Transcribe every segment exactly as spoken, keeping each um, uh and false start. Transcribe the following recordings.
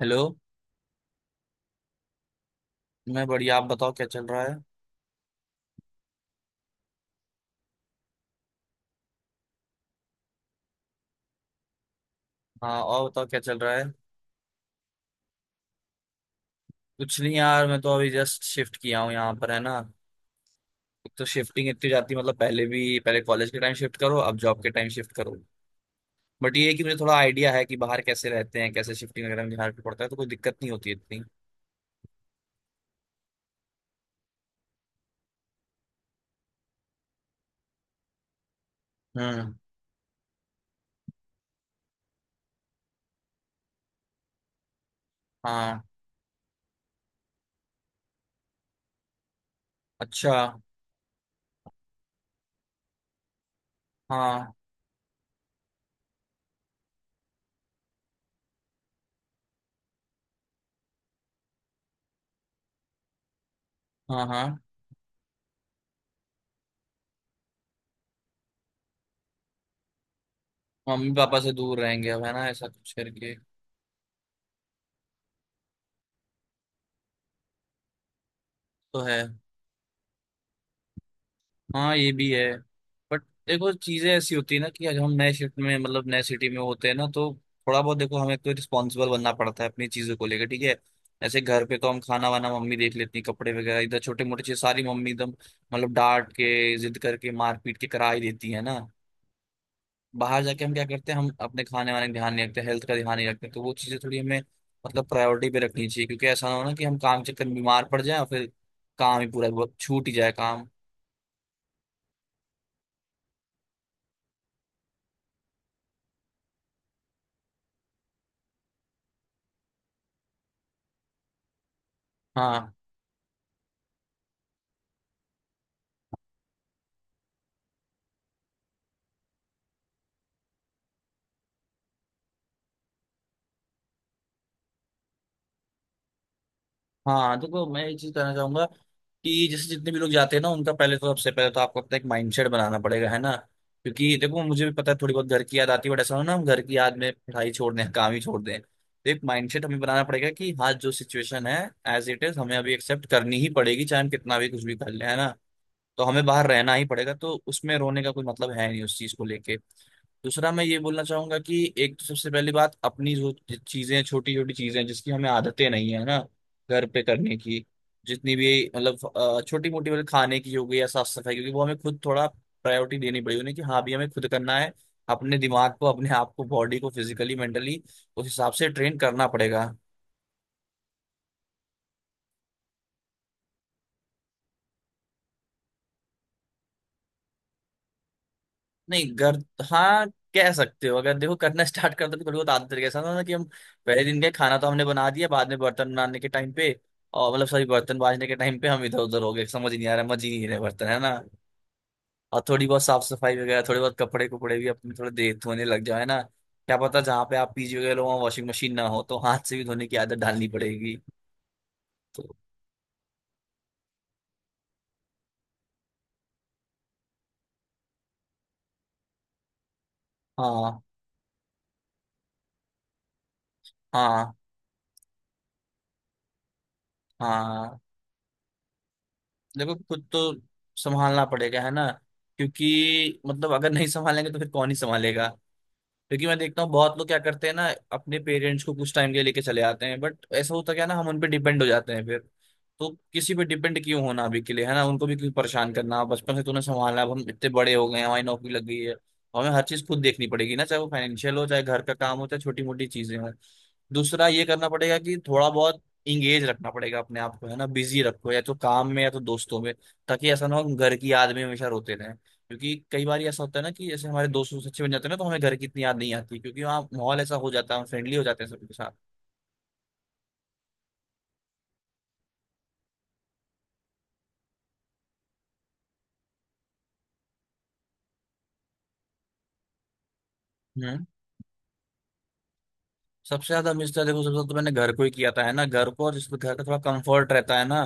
Hello. मैं बढ़िया, आप बताओ क्या चल रहा है। हाँ और बताओ क्या चल रहा है। कुछ नहीं यार, मैं तो अभी जस्ट शिफ्ट किया हूँ यहाँ पर, है ना। एक तो शिफ्टिंग इतनी जाती है, मतलब पहले भी, पहले कॉलेज के टाइम शिफ्ट करो, अब जॉब के टाइम शिफ्ट करो। बट ये है कि मुझे थोड़ा आइडिया है कि बाहर कैसे रहते हैं, कैसे शिफ्टिंग वगैरह में बिहार पे पड़ता है, तो कोई दिक्कत नहीं होती इतनी। हम्म। हाँ। अच्छा। हाँ हाँ हाँ, मम्मी पापा से दूर रहेंगे अब है ना, ऐसा कुछ करके। तो है। हाँ, ये भी है। बट देखो, चीजें ऐसी होती है ना कि अगर हम नए शिफ्ट में, मतलब नए सिटी में होते हैं ना, तो थोड़ा बहुत देखो हमें तो रिस्पॉन्सिबल बनना पड़ता है अपनी चीजों को लेकर, ठीक है। ऐसे घर पे तो हम खाना वाना मम्मी देख लेती है, कपड़े वगैरह इधर छोटे मोटे चीज सारी मम्मी एकदम मतलब डांट के, जिद करके, मार पीट के करा ही देती है ना। बाहर जाके हम क्या करते हैं, हम अपने खाने वाने का ध्यान नहीं रखते, हेल्थ का ध्यान नहीं रखते, तो वो चीजें थोड़ी हमें मतलब प्रायोरिटी पे रखनी चाहिए, क्योंकि ऐसा ना हो ना कि हम काम के चक्कर में बीमार पड़ जाए और फिर काम ही पूरा वो छूट ही जाए, काम। हाँ हाँ, देखो मैं एक चीज कहना चाहूंगा कि जैसे जितने भी लोग जाते हैं ना, उनका पहले तो, सबसे पहले तो आपको अपना एक माइंडसेट बनाना पड़ेगा है ना। क्योंकि देखो मुझे भी पता है, थोड़ी बहुत घर की याद आती है, बट ऐसा हो ना हम घर की याद में पढ़ाई छोड़ दें, काम ही छोड़ दें, तो एक माइंडसेट हमें बनाना पड़ेगा कि हाँ, जो सिचुएशन है एज इट इज, हमें अभी एक्सेप्ट करनी ही पड़ेगी, चाहे हम कितना भी कुछ भी कर लें, है ना। तो हमें बाहर रहना ही पड़ेगा, तो उसमें रोने का कोई मतलब है नहीं उस चीज को लेके। दूसरा मैं ये बोलना चाहूंगा कि एक तो सबसे पहली बात, अपनी जो चीजें, छोटी छोटी चीजें जिसकी हमें आदतें नहीं है ना घर पे करने की, जितनी भी मतलब छोटी मोटी, मतलब खाने की हो गई या साफ सफाई, क्योंकि वो हमें खुद थोड़ा प्रायोरिटी देनी पड़ी उन्हें, कि हाँ, भी हमें खुद करना है। अपने दिमाग को, अपने आप को, बॉडी को फिजिकली मेंटली उस हिसाब से ट्रेन करना पड़ेगा। नहीं घर। हाँ, कह सकते हो, अगर देखो करना स्टार्ट कर दो तो थोड़ी बहुत आदत तरीके से, ना कि हम पहले दिन के खाना तो हमने बना दिया, बाद में बर्तन बनाने के टाइम पे, और मतलब सॉरी, बर्तन बाजने के टाइम पे हम इधर उधर हो गए, समझ ही नहीं आ रहा, मजे ही नहीं रहे बर्तन, है ना। और थोड़ी बहुत साफ सफाई वगैरह, थोड़ी बहुत कपड़े कुपड़े भी अपने थोड़े देर धोने लग जाओ, है ना, क्या पता जहाँ पे आप पीजी वगैरह लो वहाँ वॉशिंग मशीन ना हो, तो हाथ से भी धोने की आदत डालनी पड़ेगी। तो हाँ हाँ हाँ, देखो खुद तो संभालना पड़ेगा है ना, क्योंकि मतलब अगर नहीं संभालेंगे तो फिर कौन ही संभालेगा। क्योंकि मैं देखता हूँ बहुत लोग क्या करते हैं ना, अपने पेरेंट्स को कुछ टाइम के लिए लेके चले आते हैं, बट ऐसा होता क्या है ना, हम उन पे डिपेंड हो जाते हैं फिर। तो किसी पे डिपेंड क्यों होना अभी के लिए, है ना, उनको भी क्यों परेशान करना। बचपन से तूने संभाला, अब हम इतने बड़े हो गए हैं, हमारी नौकरी लग गई है, हमें हर चीज खुद देखनी पड़ेगी ना, चाहे वो फाइनेंशियल हो, चाहे घर का काम हो, चाहे छोटी मोटी चीजें हों। दूसरा ये करना पड़ेगा कि थोड़ा बहुत इंगेज रखना पड़ेगा अपने आप को, है ना, बिजी रखो या तो काम में या तो दोस्तों में, ताकि ऐसा ना हो कि घर की याद में हमेशा रोते रहे। क्योंकि कई बार ऐसा होता है ना कि जैसे हमारे दोस्त दोस्त अच्छे बन जाते हैं ना, तो हमें घर की इतनी याद नहीं आती, क्योंकि वहाँ माहौल ऐसा हो जाता है, हम फ्रेंडली हो जाते हैं सबके साथ। हम्म, सबसे ज्यादा मिस था, देखो सबसे ज्यादा तो मैंने घर को ही किया था है ना, घर को, और जिसमें घर का थोड़ा कंफर्ट रहता है ना,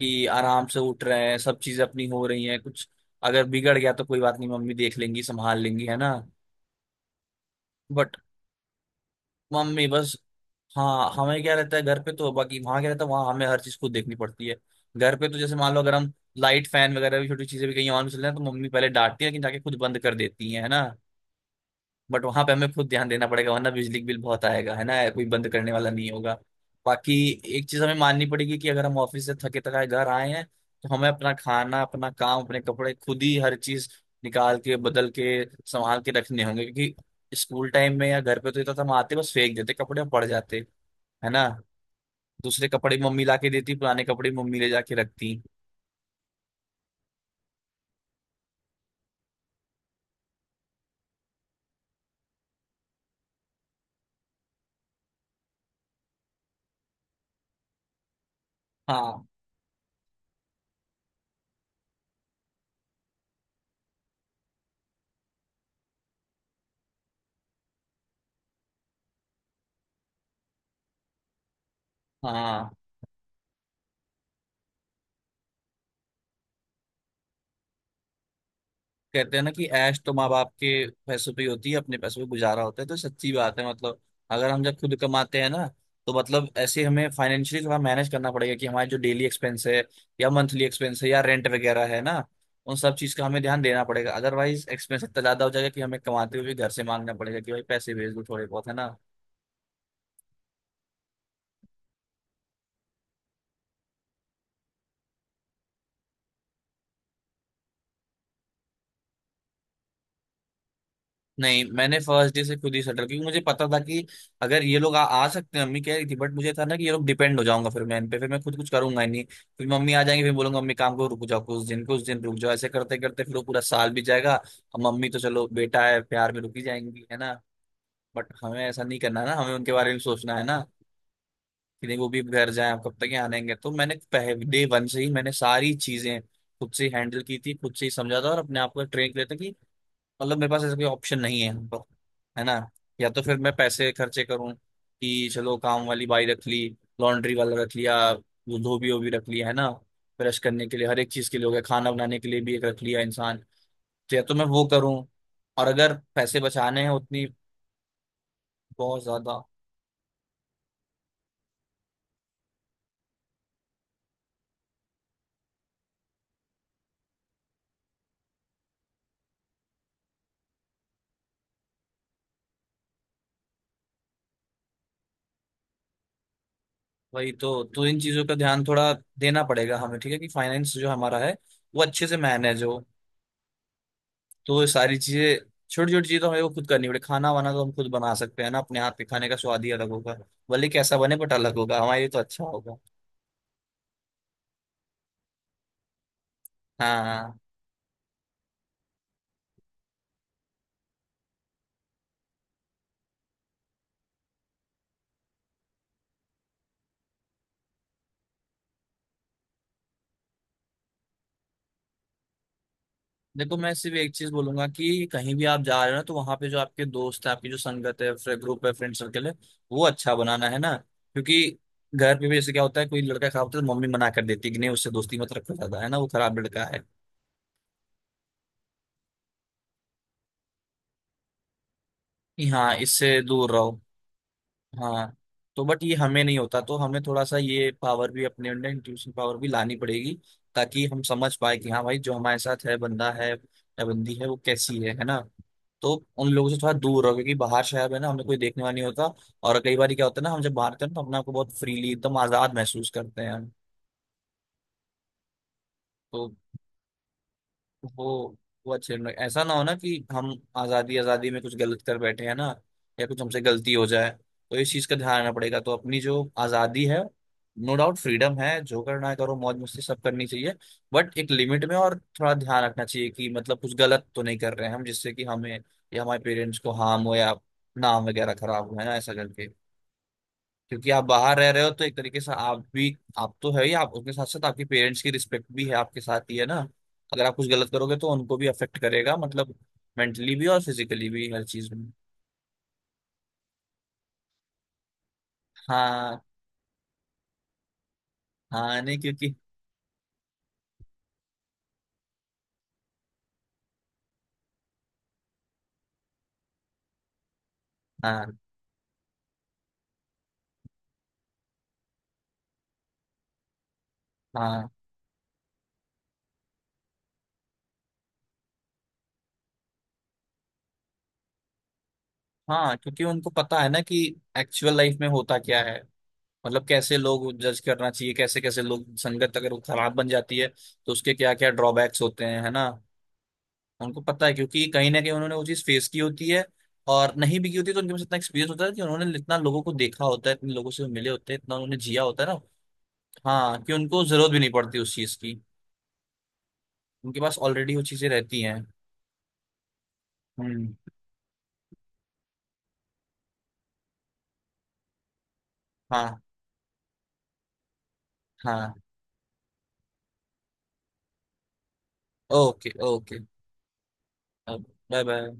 कि आराम से उठ रहे हैं, सब चीजें अपनी हो रही हैं, कुछ अगर बिगड़ गया तो कोई बात नहीं, मम्मी देख लेंगी, संभाल लेंगी, है ना। बट मम्मी बस। हाँ हमें क्या रहता है घर पे, तो बाकी वहां क्या रहता है, वहां हमें हर चीज खुद देखनी पड़ती है। घर पे तो जैसे मान लो अगर हम लाइट फैन वगैरह भी, छोटी चीजें भी कहीं ऑन चल रहे हैं, तो मम्मी पहले डांटती है, लेकिन जाके खुद बंद कर देती है है ना। बट वहां पे हमें खुद ध्यान देना पड़ेगा, वरना बिजली बिल बहुत आएगा, है ना, कोई बंद करने वाला नहीं होगा। बाकी एक चीज हमें माननी पड़ेगी कि अगर हम ऑफिस से थके थकाए घर आए हैं, तो हमें अपना खाना, अपना काम, अपने कपड़े खुद ही हर चीज निकाल के, बदल के, संभाल के रखने होंगे, क्योंकि स्कूल टाइम में या घर पे तो इतना तो हम आते बस फेंक देते कपड़े और पड़ जाते, है ना। दूसरे कपड़े मम्मी ला के देती, पुराने कपड़े मम्मी ले जाके रखती। हाँ हाँ, कहते हैं ना कि ऐश तो माँ बाप के पैसों पे ही होती है, अपने पैसों पे गुजारा होता है, तो सच्ची बात है, मतलब अगर हम जब खुद कमाते हैं ना, तो मतलब ऐसे हमें फाइनेंशियली थोड़ा मैनेज करना पड़ेगा कि हमारे जो डेली एक्सपेंस है, या मंथली एक्सपेंस है, या रेंट वगैरह है ना, उन सब चीज का हमें ध्यान देना पड़ेगा, अदरवाइज एक्सपेंस इतना ज्यादा हो जाएगा कि हमें कमाते हुए भी घर से मांगना पड़ेगा कि भाई पैसे भेज दो थोड़े बहुत, है ना। नहीं मैंने फर्स्ट डे से खुद ही सेटल, क्योंकि मुझे पता था कि अगर ये लोग आ, आ सकते हैं, मम्मी कह रही थी, बट मुझे था ना कि ये लोग, डिपेंड हो जाऊंगा फिर मैं इन पे, फिर मैं खुद कुछ करूंगा ही नहीं। फिर मम्मी आ जाएंगी, फिर बोलूंगा मम्मी काम को रुक जाओ कुछ दिन, कुछ दिन रुक जाओ, ऐसे करते करते फिर वो पूरा साल बीत जाएगा। और मम्मी तो चलो बेटा है, प्यार में रुकी जाएंगी, है ना। बट हमें ऐसा नहीं करना ना, हमें उनके बारे में सोचना है ना, कि नहीं वो भी घर जाए, अब कब तक यहाँ रहेंगे। तो मैंने पहले डे वन से ही मैंने सारी चीजें खुद से हैंडल की थी, खुद से ही समझा था और अपने आप को ट्रेन किया था। मतलब मेरे पास ऐसा कोई ऑप्शन नहीं है तो, है ना। या तो फिर मैं पैसे खर्चे करूं कि चलो काम वाली बाई रख ली, लॉन्ड्री वाला रख लिया, वो धोबी वोबी रख लिया, है ना, ब्रश करने के लिए हर एक चीज के लिए हो गया, खाना बनाने के लिए भी एक रख लिया इंसान। तो या तो मैं वो करूं, और अगर पैसे बचाने हैं उतनी बहुत ज्यादा। वही तो तो इन चीजों का ध्यान थोड़ा देना पड़ेगा हमें, ठीक है, कि फाइनेंस जो हमारा है वो अच्छे से मैनेज हो। तो वो सारी चीजें, छोटी छोटी चीजें तो हमें वो खुद करनी पड़े, खाना वाना तो हम खुद बना सकते हैं ना, अपने हाथ के खाने का स्वाद ही अलग होगा, भले कैसा बने, बट अलग होगा, हमारे लिए तो अच्छा होगा। हाँ हाँ। देखो मैं सिर्फ एक चीज बोलूंगा कि कहीं भी आप जा रहे हो ना, तो वहां पे जो आपके दोस्त हैं, आपकी जो संगत है, फ्रे, ग्रुप है, फ्रेंड सर्कल है, वो अच्छा बनाना, है ना, क्योंकि घर पे भी जैसे क्या होता है, कोई लड़का खराब होता है तो मम्मी मना कर देती है कि नहीं उससे दोस्ती मत रखो ज्यादा, है ना, वो खराब लड़का है, कि हाँ इससे दूर रहो। हाँ, तो बट ये हमें नहीं होता, तो हमें थोड़ा सा ये पावर भी अपने अंदर, इंट्यूशन पावर भी लानी पड़ेगी, ताकि हम समझ पाए कि हाँ भाई जो हमारे साथ है, बंदा है या बंदी है, वो कैसी है है ना। तो उन लोगों से थोड़ा दूर रहो, क्योंकि बाहर शहर है ना, हमें कोई देखने वाला नहीं होता। और कई बार क्या होता है ना, हम जब बाहर होते हैं ना, तो अपने आप को बहुत फ्रीली एकदम आजाद महसूस करते हैं हम। तो वो वो अच्छे लोग, ऐसा ना हो ना कि हम आजादी आजादी में कुछ गलत कर बैठे, हैं ना, या कुछ हमसे गलती हो जाए। तो इस चीज का ध्यान रखना पड़ेगा, तो अपनी जो आजादी है, नो डाउट फ्रीडम है, जो करना है करो, मौज मस्ती सब करनी चाहिए, बट एक लिमिट में, और थोड़ा ध्यान रखना चाहिए कि मतलब कुछ गलत तो नहीं कर रहे हैं हम, जिससे कि हमें या हमारे पेरेंट्स को हार्म हो, या नाम वगैरह खराब हो, है ना, ऐसा करके। क्योंकि आप बाहर रह रहे हो, तो एक तरीके से आप भी, आप तो है ही आप, उसके साथ साथ आपके पेरेंट्स की रिस्पेक्ट भी है आपके साथ ही, है ना। अगर आप कुछ गलत करोगे तो उनको भी अफेक्ट करेगा, मतलब मेंटली भी और फिजिकली भी, हर चीज में। हाँ। हाँ नहीं, क्योंकि हाँ। हाँ हाँ, क्योंकि उनको पता है ना कि एक्चुअल लाइफ में होता क्या है, मतलब कैसे लोग जज करना चाहिए, कैसे कैसे लोग, संगत अगर वो खराब बन जाती है तो उसके क्या क्या ड्रॉबैक्स होते हैं, है ना। उनको पता है, क्योंकि कहीं ना कहीं उन्होंने वो चीज फेस की होती है, और नहीं भी की होती, तो उनके पास इतना एक्सपीरियंस होता है कि उन्होंने इतना लोगों को देखा होता है, इतने लोगों से मिले होते हैं, इतना उन्होंने जिया होता है ना। हाँ, कि उनको जरूरत भी नहीं पड़ती उस चीज की, उनके पास ऑलरेडी वो चीजें रहती हैं। हम्म। हाँ हाँ। Okay okay. Bye bye.